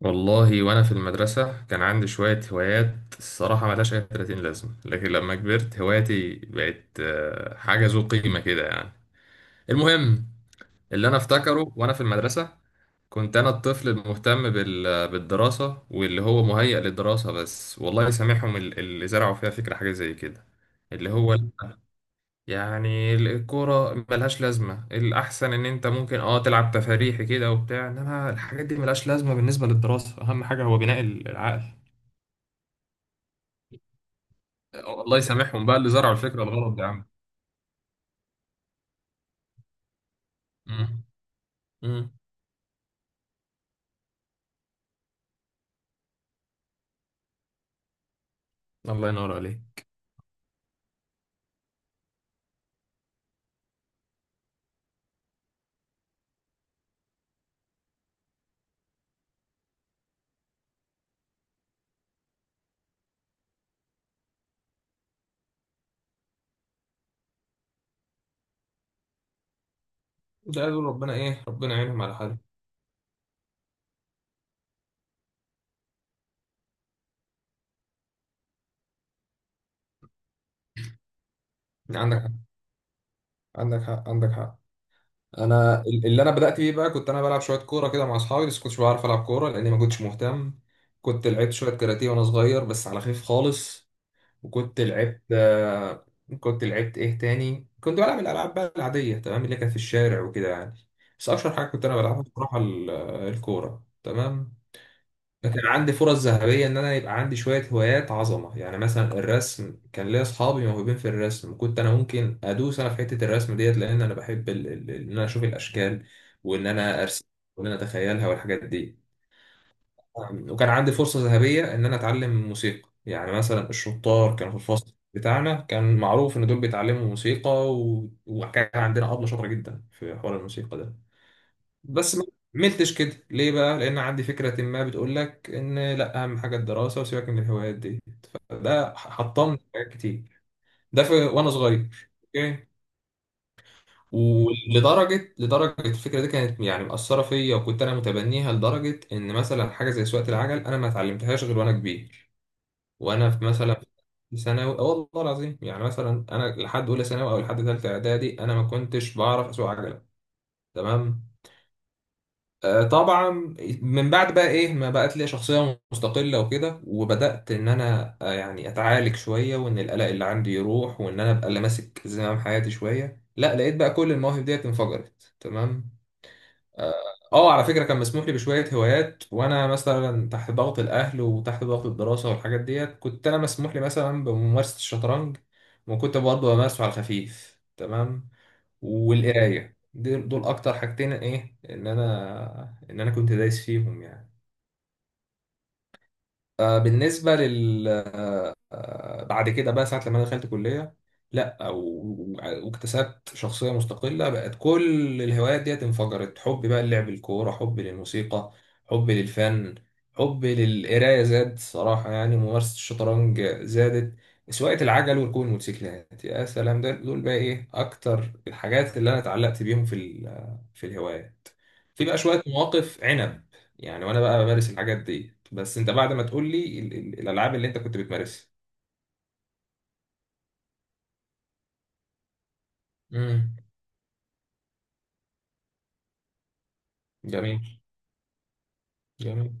والله وانا في المدرسه كان عندي شويه هوايات الصراحه ملهاش اي 30 لازمه، لكن لما كبرت هواياتي بقت حاجه ذو قيمه كده يعني. المهم، اللي انا افتكره وانا في المدرسه كنت انا الطفل المهتم بالدراسه واللي هو مهيأ للدراسه بس. والله سامحهم اللي زرعوا فيها فكره حاجه زي كده، اللي هو يعني الكورة ملهاش لازمة، الأحسن إن أنت ممكن تلعب تفاريحي كده وبتاع، إنما الحاجات دي ملهاش لازمة بالنسبة للدراسة، أهم حاجة هو بناء العقل. الله يسامحهم بقى اللي زرعوا الفكرة الغلط دي يا عم. مم. مم. الله ينور عليك. ده قالوا ربنا إيه؟ ربنا يعينهم على حالهم. عندك حق، عندك حق عندك حق. أنا اللي أنا بدأت بيه بقى كنت أنا بلعب شوية كورة كده مع أصحابي، بس كنتش بعرف ألعب كورة لأني ما كنتش مهتم. كنت لعبت شوية كاراتيه وأنا صغير بس على خفيف خالص. وكنت لعبت كنت لعبت ايه تاني، كنت بلعب الالعاب بقى العاديه تمام اللي كانت في الشارع وكده يعني. بس اشهر حاجه كنت انا بلعبها بصراحه الكوره تمام. فكان عندي فرص ذهبيه ان انا يبقى عندي شويه هوايات عظمه، يعني مثلا الرسم، كان ليا اصحابي موهوبين في الرسم، كنت انا ممكن ادوس انا في حته الرسم ديت لان انا بحب ان انا اشوف الاشكال وان انا ارسم وان انا اتخيلها والحاجات دي. نعم. وكان عندي فرصة ذهبية إن أنا أتعلم موسيقى، يعني مثلا الشطار كانوا في الفصل بتاعنا كان معروف إن دول بيتعلموا موسيقى وكان عندنا أبلة شاطرة جدا في حوار الموسيقى ده. بس ما عملتش كده ليه بقى؟ لأن عندي فكرة ما بتقول لك إن لأ، أهم حاجة الدراسة وسيبك من الهوايات دي. فده حطمني في حاجات كتير. وأنا صغير أوكي. لدرجة الفكرة دي كانت يعني مأثرة فيا وكنت أنا متبنيها، لدرجة إن مثلا حاجة زي سواقة العجل أنا ما اتعلمتهاش غير وأنا كبير. وانا في مثلا في ثانوي آه والله العظيم، يعني مثلا انا لحد اولى ثانوي او لحد ثالثه اعدادي انا ما كنتش بعرف اسوق عجله، تمام؟ آه طبعا. من بعد بقى ايه ما بقت لي شخصيه مستقله وكده، وبدات ان انا آه يعني اتعالج شويه وان القلق اللي عندي يروح وان انا ابقى اللي ماسك زمام حياتي شويه، لا لقيت بقى كل المواهب ديت انفجرت تمام. اه. على فكره كان مسموح لي بشويه هوايات وانا مثلا تحت ضغط الاهل وتحت ضغط الدراسه والحاجات ديت، كنت انا مسموح لي مثلا بممارسه الشطرنج، وكنت برضه بمارسه على الخفيف تمام. والقرايه، دول اكتر حاجتين ايه ان انا كنت دايس فيهم يعني. آه، بالنسبه لل بعد كده بقى ساعة لما انا دخلت كلية لا و- واكتسبت شخصية مستقلة، بقت كل الهوايات ديت انفجرت. حبي بقى للعب الكورة، حبي للموسيقى، حبي للفن، حبي للقراية زاد صراحة، يعني ممارسة الشطرنج زادت، سواقة العجل وركوب الموتوسيكلات يا سلام، ده دول بقى ايه اكتر الحاجات اللي انا اتعلقت بيهم في في الهوايات. في بقى شوية مواقف عنب يعني وانا بقى بمارس الحاجات دي، بس انت بعد ما تقول لي الالعاب اللي انت كنت بتمارسها. امم. جميل. جميل.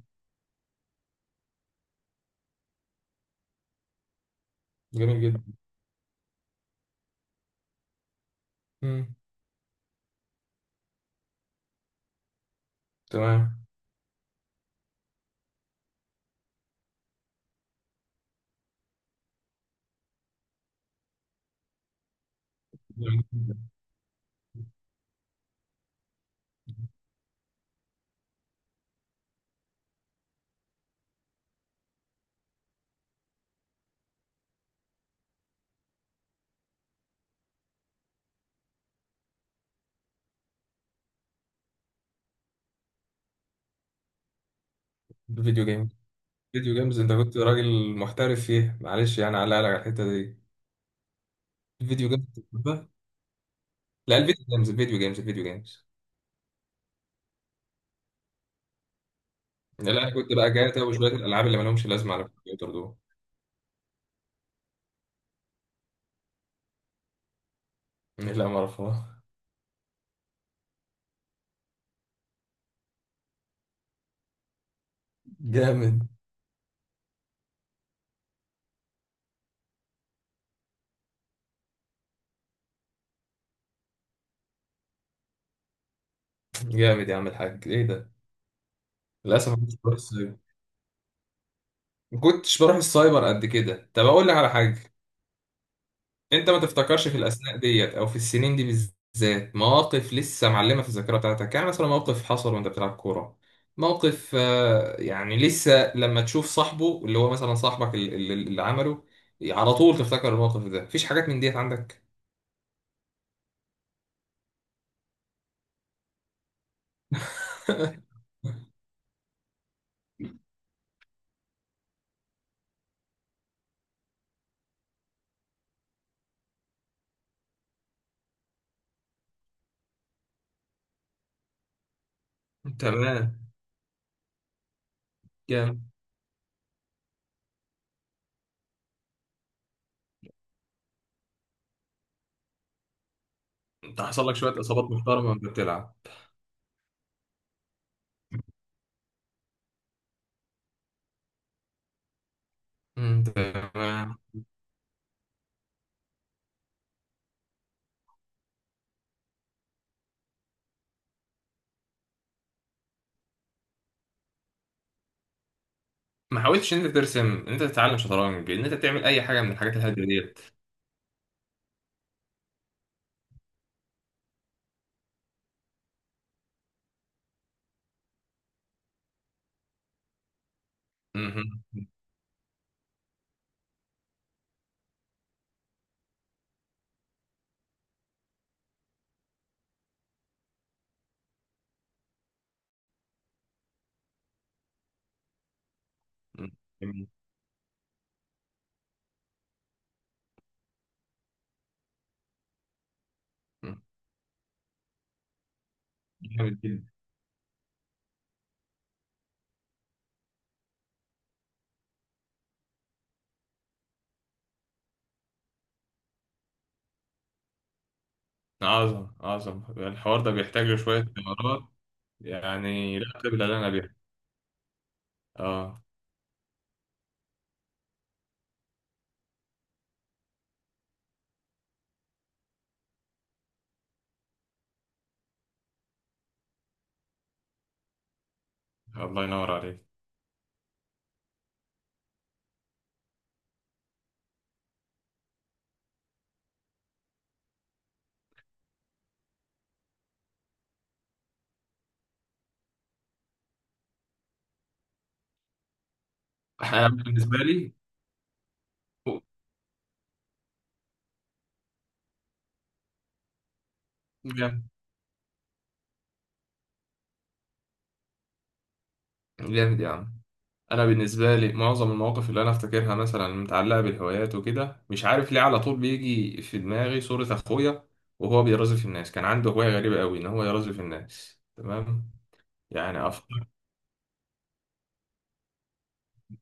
جميل جدا. امم. تمام. جميل جدا. فيديو جيم، فيديو جيمز، انت كنت راجل محترف فيها معلش يعني على على الحته دي. فيديو جيمز كنت بتحبها؟ لا الفيديو جيمز، الفيديو جيمز الفيديو جيمز. لا انا كنت بقى جاتا وشويه الالعاب اللي مالهمش لازمه على الكمبيوتر دول. لا ما اعرفها. جامد. جامد يا عم الحاج ايه ده. للاسف ما كنتش بروح السايبر. ما كنتش بروح السايبر قد كده. طب اقول لك على حاجه، انت ما تفتكرش في الاثناء ديت او في السنين دي بالذات مواقف لسه معلمه في الذاكره بتاعتك؟ يعني مثلا موقف حصل وانت بتلعب كوره، موقف يعني لسه لما تشوف صاحبه اللي هو مثلا صاحبك اللي عمله على طول تفتكر الموقف ده. مفيش حاجات من ديت عندك؟ تمام. جامد. انت حصل لك شويه اصابات محترمه وانت بتلعب. مم، تمام. ما حاولتش ان انت ترسم، ان انت تتعلم شطرنج، ان انت تعمل اي حاجه من الحاجات الهاديه ديت؟ مهم. مم. جميل. مم. جامد جدا. عظم، عظم الحوار ده بيحتاج له شوية مهارات يعني. لا قبل اللي أنا بيها. آه. الله ينور عليك. أنا بالنسبة لي. جامد. جامد يا عم. أنا بالنسبة لي معظم المواقف اللي أنا أفتكرها مثلا متعلقة بالهوايات وكده، مش عارف ليه على طول بيجي في دماغي صورة أخويا وهو بيرازف الناس. كان عنده هواية غريبة أوي إن هو يرازف الناس تمام. يعني أفكار.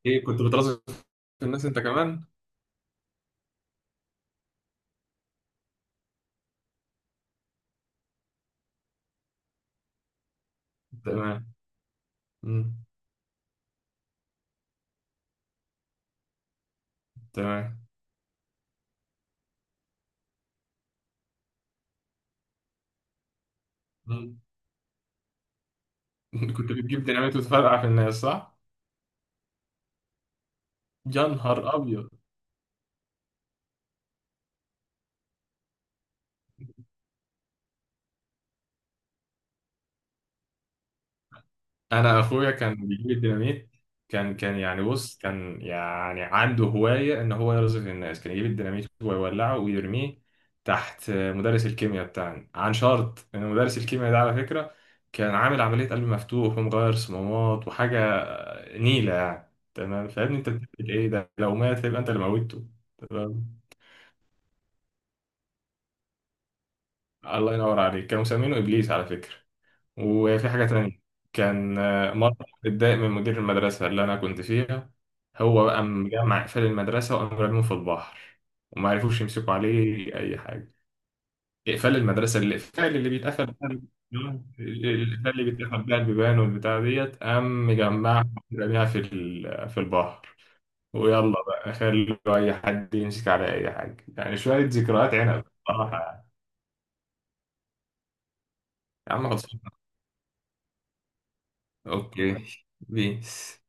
إيه، كنت بترازف الناس أنت كمان؟ تمام. مم. تمام. مم. كنت بتجيب ديناميت وتفرقع في الناس صح؟ يا نهار ابيض. انا اخويا كان بيجيب الديناميت، كان يعني بص كان يعني عنده هوايه ان هو يرزف الناس، كان يجيب الديناميت ويولعه ويرميه تحت مدرس الكيمياء بتاعنا. عن شرط ان مدرس الكيمياء ده على فكره كان عامل عمليه قلب مفتوح ومغير صمامات وحاجه نيله يعني، تمام؟ فابني انت بتعمل ايه ده؟ لو مات هيبقى انت اللي موتته، تمام؟ الله ينور عليك. كانوا مسمينه ابليس على فكره. وفي حاجة تانية، كان مرة اتضايق من مدير المدرسة اللي أنا كنت فيها، هو بقى مجمع إقفال المدرسة وقام رميهم في البحر، وما عرفوش يمسكوا عليه أي حاجة. إقفال المدرسة، الإقفال اللي الإقفال اللي بيتقفل بقى البيبان والبتاع ديت، قام مجمعها رميها في في البحر، ويلا بقى خلوا أي حد يمسك على أي حاجة. يعني شوية ذكريات عنب بصراحة يعني. يا عم خلصنا. أوكي. بيس.